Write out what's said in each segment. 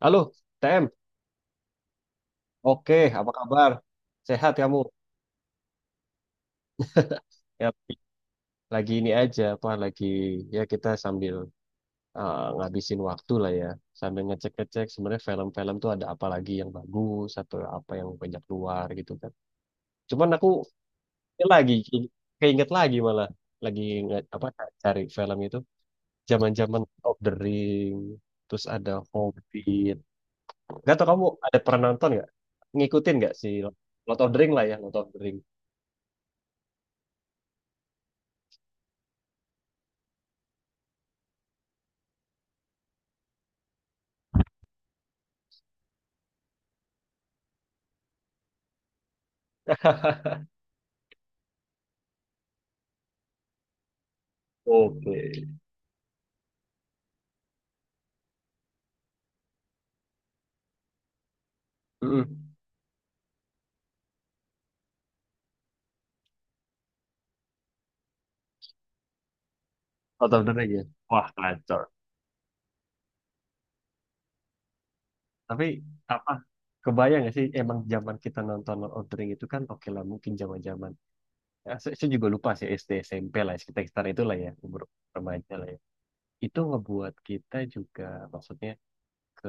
Halo, TM. Oke, apa kabar? Sehat kamu? Ya, lagi ini aja, apa lagi ya kita sambil ngabisin waktu lah ya, sambil ngecek-ngecek sebenarnya film-film tuh ada apa lagi yang bagus atau apa yang banyak keluar gitu kan. Cuman aku ini lagi keinget lagi malah lagi apa cari film itu zaman-zaman Lord of the Ring, terus ada Hobbit. Gak tau kamu ada pernah nonton nggak? Ngikutin nggak sih Lord of the Ring lah ya, Lord of the Ring. Oke. Mm-mm. Out of the Ring ya. Wah, kacau. Tapi apa? Kebayang gak sih emang zaman kita nonton Lord of the Ring itu kan oke lah mungkin zaman-zaman. Ya, saya juga lupa sih SD SMP lah sekitar sekitar itulah ya umur remaja lah ya. Itu ngebuat kita juga maksudnya ke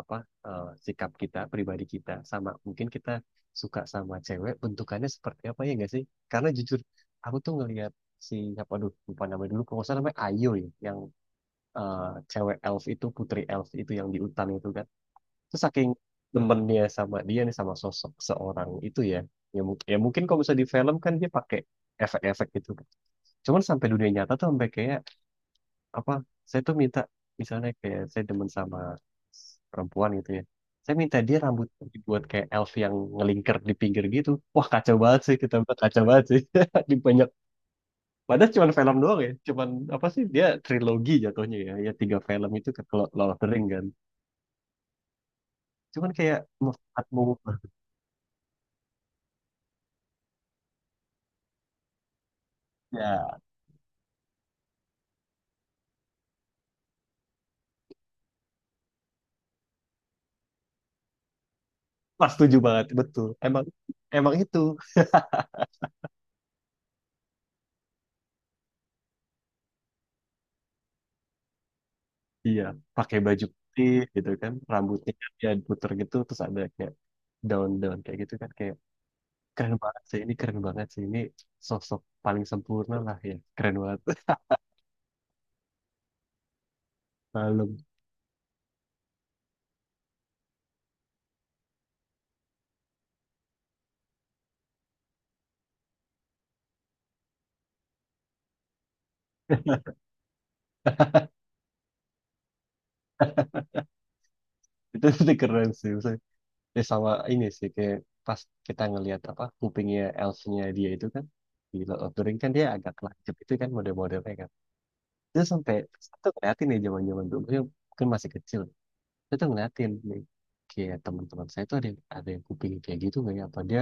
apa sikap kita pribadi kita sama mungkin kita suka sama cewek bentukannya seperti apa ya gak sih? Karena jujur aku tuh ngelihat si apa aduh lupa namanya dulu kalau nggak salah namanya Ayo ya yang eh, cewek elf itu putri elf itu yang di hutan itu kan terus saking temennya sama dia nih sama sosok seorang itu ya ya mungkin kalau bisa di film kan dia pakai efek-efek gitu kan cuman sampai dunia nyata tuh sampai kayak apa saya tuh minta misalnya kayak saya demen sama perempuan gitu ya saya minta dia rambut dibuat kayak elf yang ngelingkar di pinggir gitu wah kacau banget sih kita buat kacau banget sih di banyak. Padahal cuman film doang ya. Cuman apa sih dia trilogi jatuhnya ya. Ya tiga film itu kan kalau Lord of the Ring kan. Cuman kayak mufat mufat ya. Pas setuju banget betul. Emang emang itu. Iya, pakai baju putih gitu kan, rambutnya dia puter gitu terus ada kayak daun daun kayak gitu kan kayak keren banget sih ini keren banget sih ini sosok paling sempurna lah ya. Keren banget. Malam. Itu keren sih. Ya sama ini sih kayak pas kita ngelihat apa kupingnya elfnya dia itu kan di Lord of the Ring kan dia agak lancip itu kan model-modelnya kan. Terus sampai saya tuh ngeliatin nih zaman-zaman dulu ya, mungkin masih kecil. Saya tuh ngeliatin nih kayak teman-teman saya tuh ada yang kuping kayak gitu nggak ya? Apa dia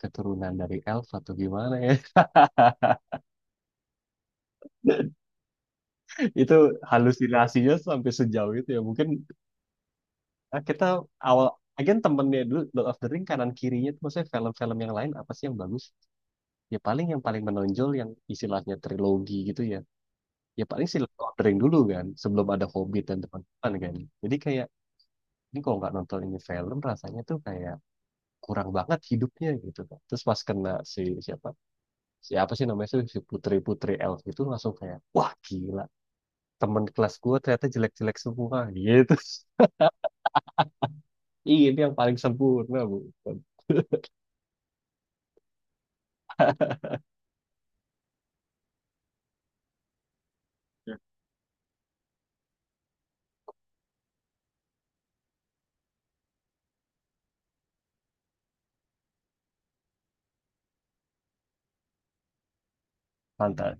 keturunan dari elf atau gimana ya? Itu halusinasinya sampai sejauh itu ya. Mungkin kita awal Again temennya dulu Lord of the Ring kanan kirinya tuh maksudnya film-film yang lain apa sih yang bagus? Ya paling yang paling menonjol yang istilahnya trilogi gitu ya ya paling silent ordering dulu kan sebelum ada Hobbit dan teman-teman kan jadi kayak ini kalau nggak nonton ini film rasanya tuh kayak kurang banget hidupnya gitu kan terus pas kena si siapa siapa sih namanya sih si putri-putri elf itu langsung kayak wah gila temen kelas gua ternyata jelek-jelek semua gitu. Ih, ini yang paling sempurna bu Pantai.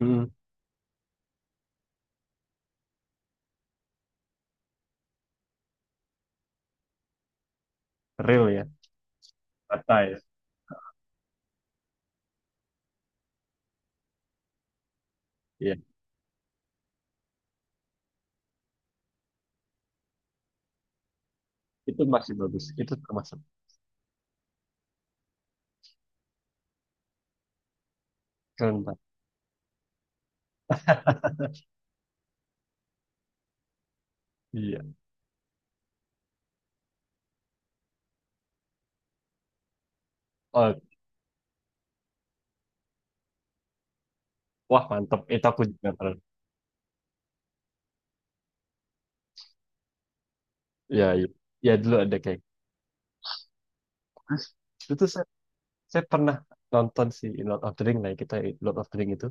Hmm, real ya. Pantai. Iya, itu masih bagus. Itu termasuk keren banget. Iya. Oh, wah mantep. Itu aku juga pernah. Ya, ya, ya, dulu ada kayak. Itu tuh saya pernah nonton si Lord of the Ring lah kita Lord of the Ring itu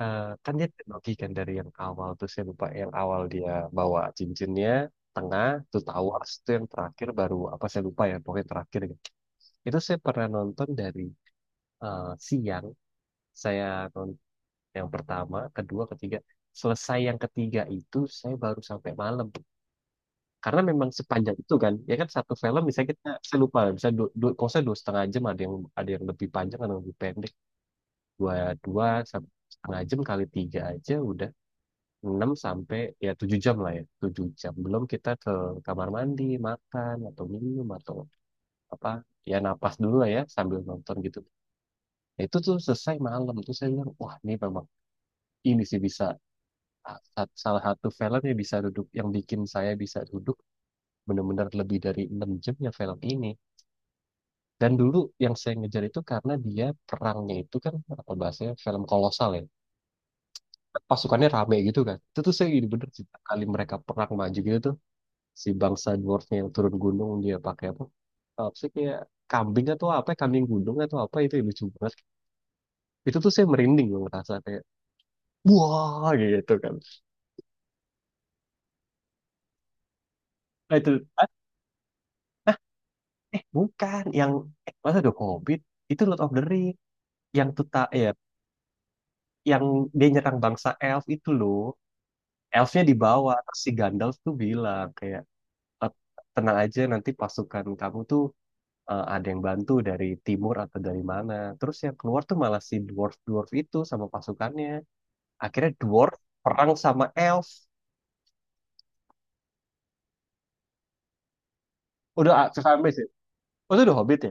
kan dia trilogi kan dari yang awal tuh saya lupa yang awal dia bawa cincinnya tengah tuh Towers itu yang terakhir baru apa saya lupa ya pokoknya terakhir gitu. Itu saya pernah nonton dari siang saya nonton yang pertama kedua ketiga selesai yang ketiga itu saya baru sampai malam karena memang sepanjang itu kan ya kan satu film bisa kita saya lupa bisa dua kalau saya 2,5 jam ada yang lebih panjang ada yang lebih pendek dua dua setengah jam kali tiga aja udah enam sampai ya 7 jam lah ya 7 jam belum kita ke kamar mandi makan atau minum atau apa ya napas dulu lah ya sambil nonton gitu. Nah, itu tuh selesai malam tuh saya bilang wah ini memang ini sih bisa salah satu film yang bisa duduk yang bikin saya bisa duduk benar-benar lebih dari 6 jam ya film ini. Dan dulu yang saya ngejar itu karena dia perangnya itu kan apa bahasanya film kolosal ya. Pasukannya rame gitu kan. Itu tuh saya gini bener sih kali mereka perang maju gitu tuh si bangsa dwarfnya yang turun gunung dia pakai apa? Apa sih kayak kambing atau apa kambing gunung atau apa itu yang lucu banget. Itu tuh saya merinding loh ngerasa kayak wah gitu kan. Nah, itu ah, bukan yang masa ada covid itu Lord of the Ring yang tuta ya yang dia nyerang bangsa elf itu loh. Elfnya di bawah terus si Gandalf tuh bilang kayak, "Eh, tenang aja nanti pasukan kamu tuh ada yang bantu dari timur atau dari mana terus yang keluar tuh malah si dwarf dwarf itu sama pasukannya akhirnya dwarf perang sama elf udah sampai sih oh, itu udah hobbit ya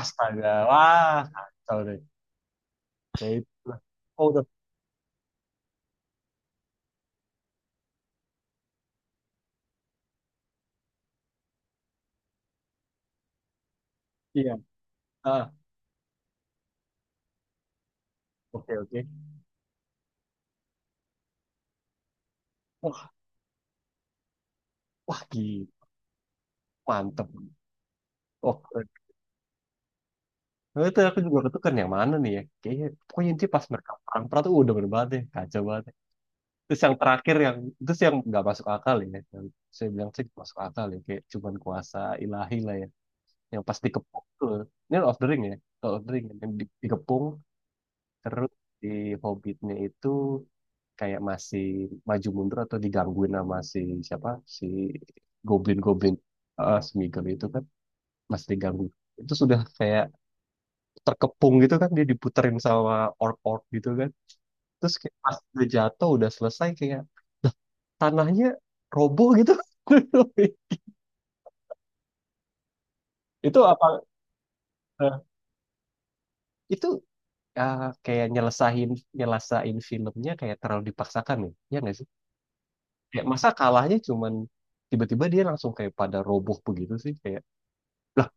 astaga wah kacau deh ya itulah oh udah iya ah oke oke wah wah gila mantep oh keren. Itu aku juga ketukar yang mana nih ya kayaknya pokoknya intinya pas mereka perang perang tuh udah bener banget deh kacau banget terus yang terakhir yang terus yang nggak masuk akal ya yang saya bilang sih nggak masuk akal ya kayak cuman kuasa ilahi lah ya yang pas dikepung tuh ini Lord of the Ring ya Lord of the Ring yang dikepung terus di Hobbitnya itu kayak masih maju mundur atau digangguin sama si siapa si goblin-goblin Smeagol itu kan masih diganggu itu sudah kayak terkepung gitu kan dia diputerin sama orc-orc gitu kan terus kayak pas udah jatuh udah selesai kayak tanahnya roboh gitu. Itu apa? eh, itu kayak nyelesain nyelesain filmnya kayak terlalu dipaksakan nih, ya nggak sih? Kayak masa kalahnya cuman tiba-tiba dia langsung kayak pada roboh begitu sih kayak lah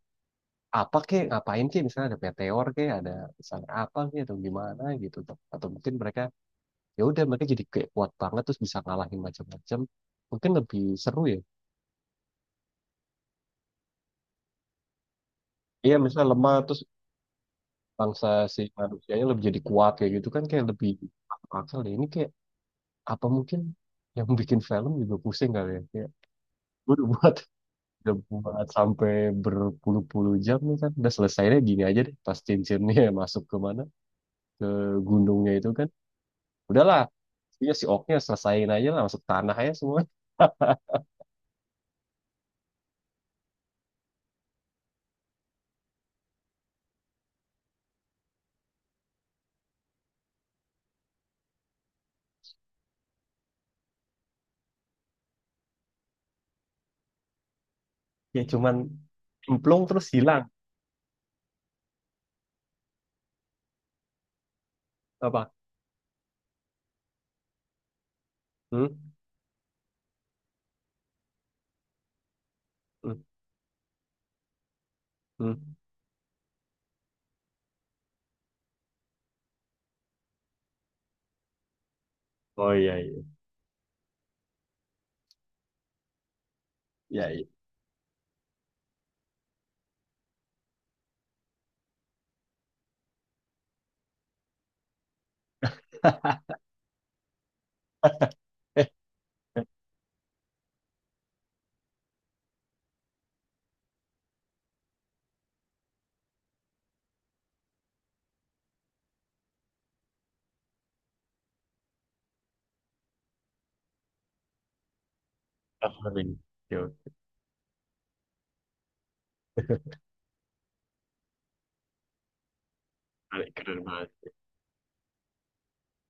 apa kek ngapain kek misalnya ada meteor kek ada misalnya apa kek atau gimana gitu atau mungkin mereka ya udah mereka jadi kayak kuat banget terus bisa ngalahin macam-macam mungkin lebih seru ya iya misalnya lemah terus bangsa si manusianya lebih jadi kuat kayak gitu kan kayak lebih masuk akal ya. Ini kayak apa mungkin yang bikin film juga pusing kali ya. Kayak gue udah buat sampai berpuluh-puluh jam nih kan. Udah selesainya gini aja deh. Pas cincinnya masuk ke mana? Ke gunungnya itu kan. Udahlah. Iya si oknya selesaiin aja lah masuk tanah aja semua. Ya cuman cemplung terus hilang apa? Hmm? Hmm? Hmm? Oh iya iya. Iya iya. Eh, keren. Yo, keren banget.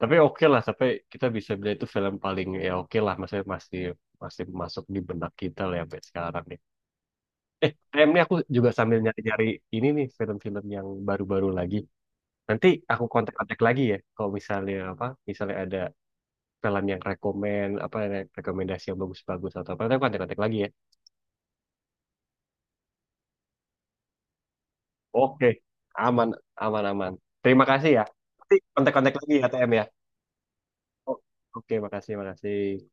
Tapi oke lah sampai kita bisa bilang itu film paling ya oke lah maksudnya masih masih masuk di benak kita lah ya sampai sekarang nih eh ayam nih aku juga sambil nyari-nyari ini nih film-film yang baru-baru lagi nanti aku kontak-kontak lagi ya kalau misalnya apa misalnya ada film yang rekomen apa rekomendasi yang bagus-bagus atau apa nanti aku kontak-kontak lagi ya oke aman aman aman terima kasih ya nanti kontak-kontak lagi ya TM ya O- oke makasih makasih.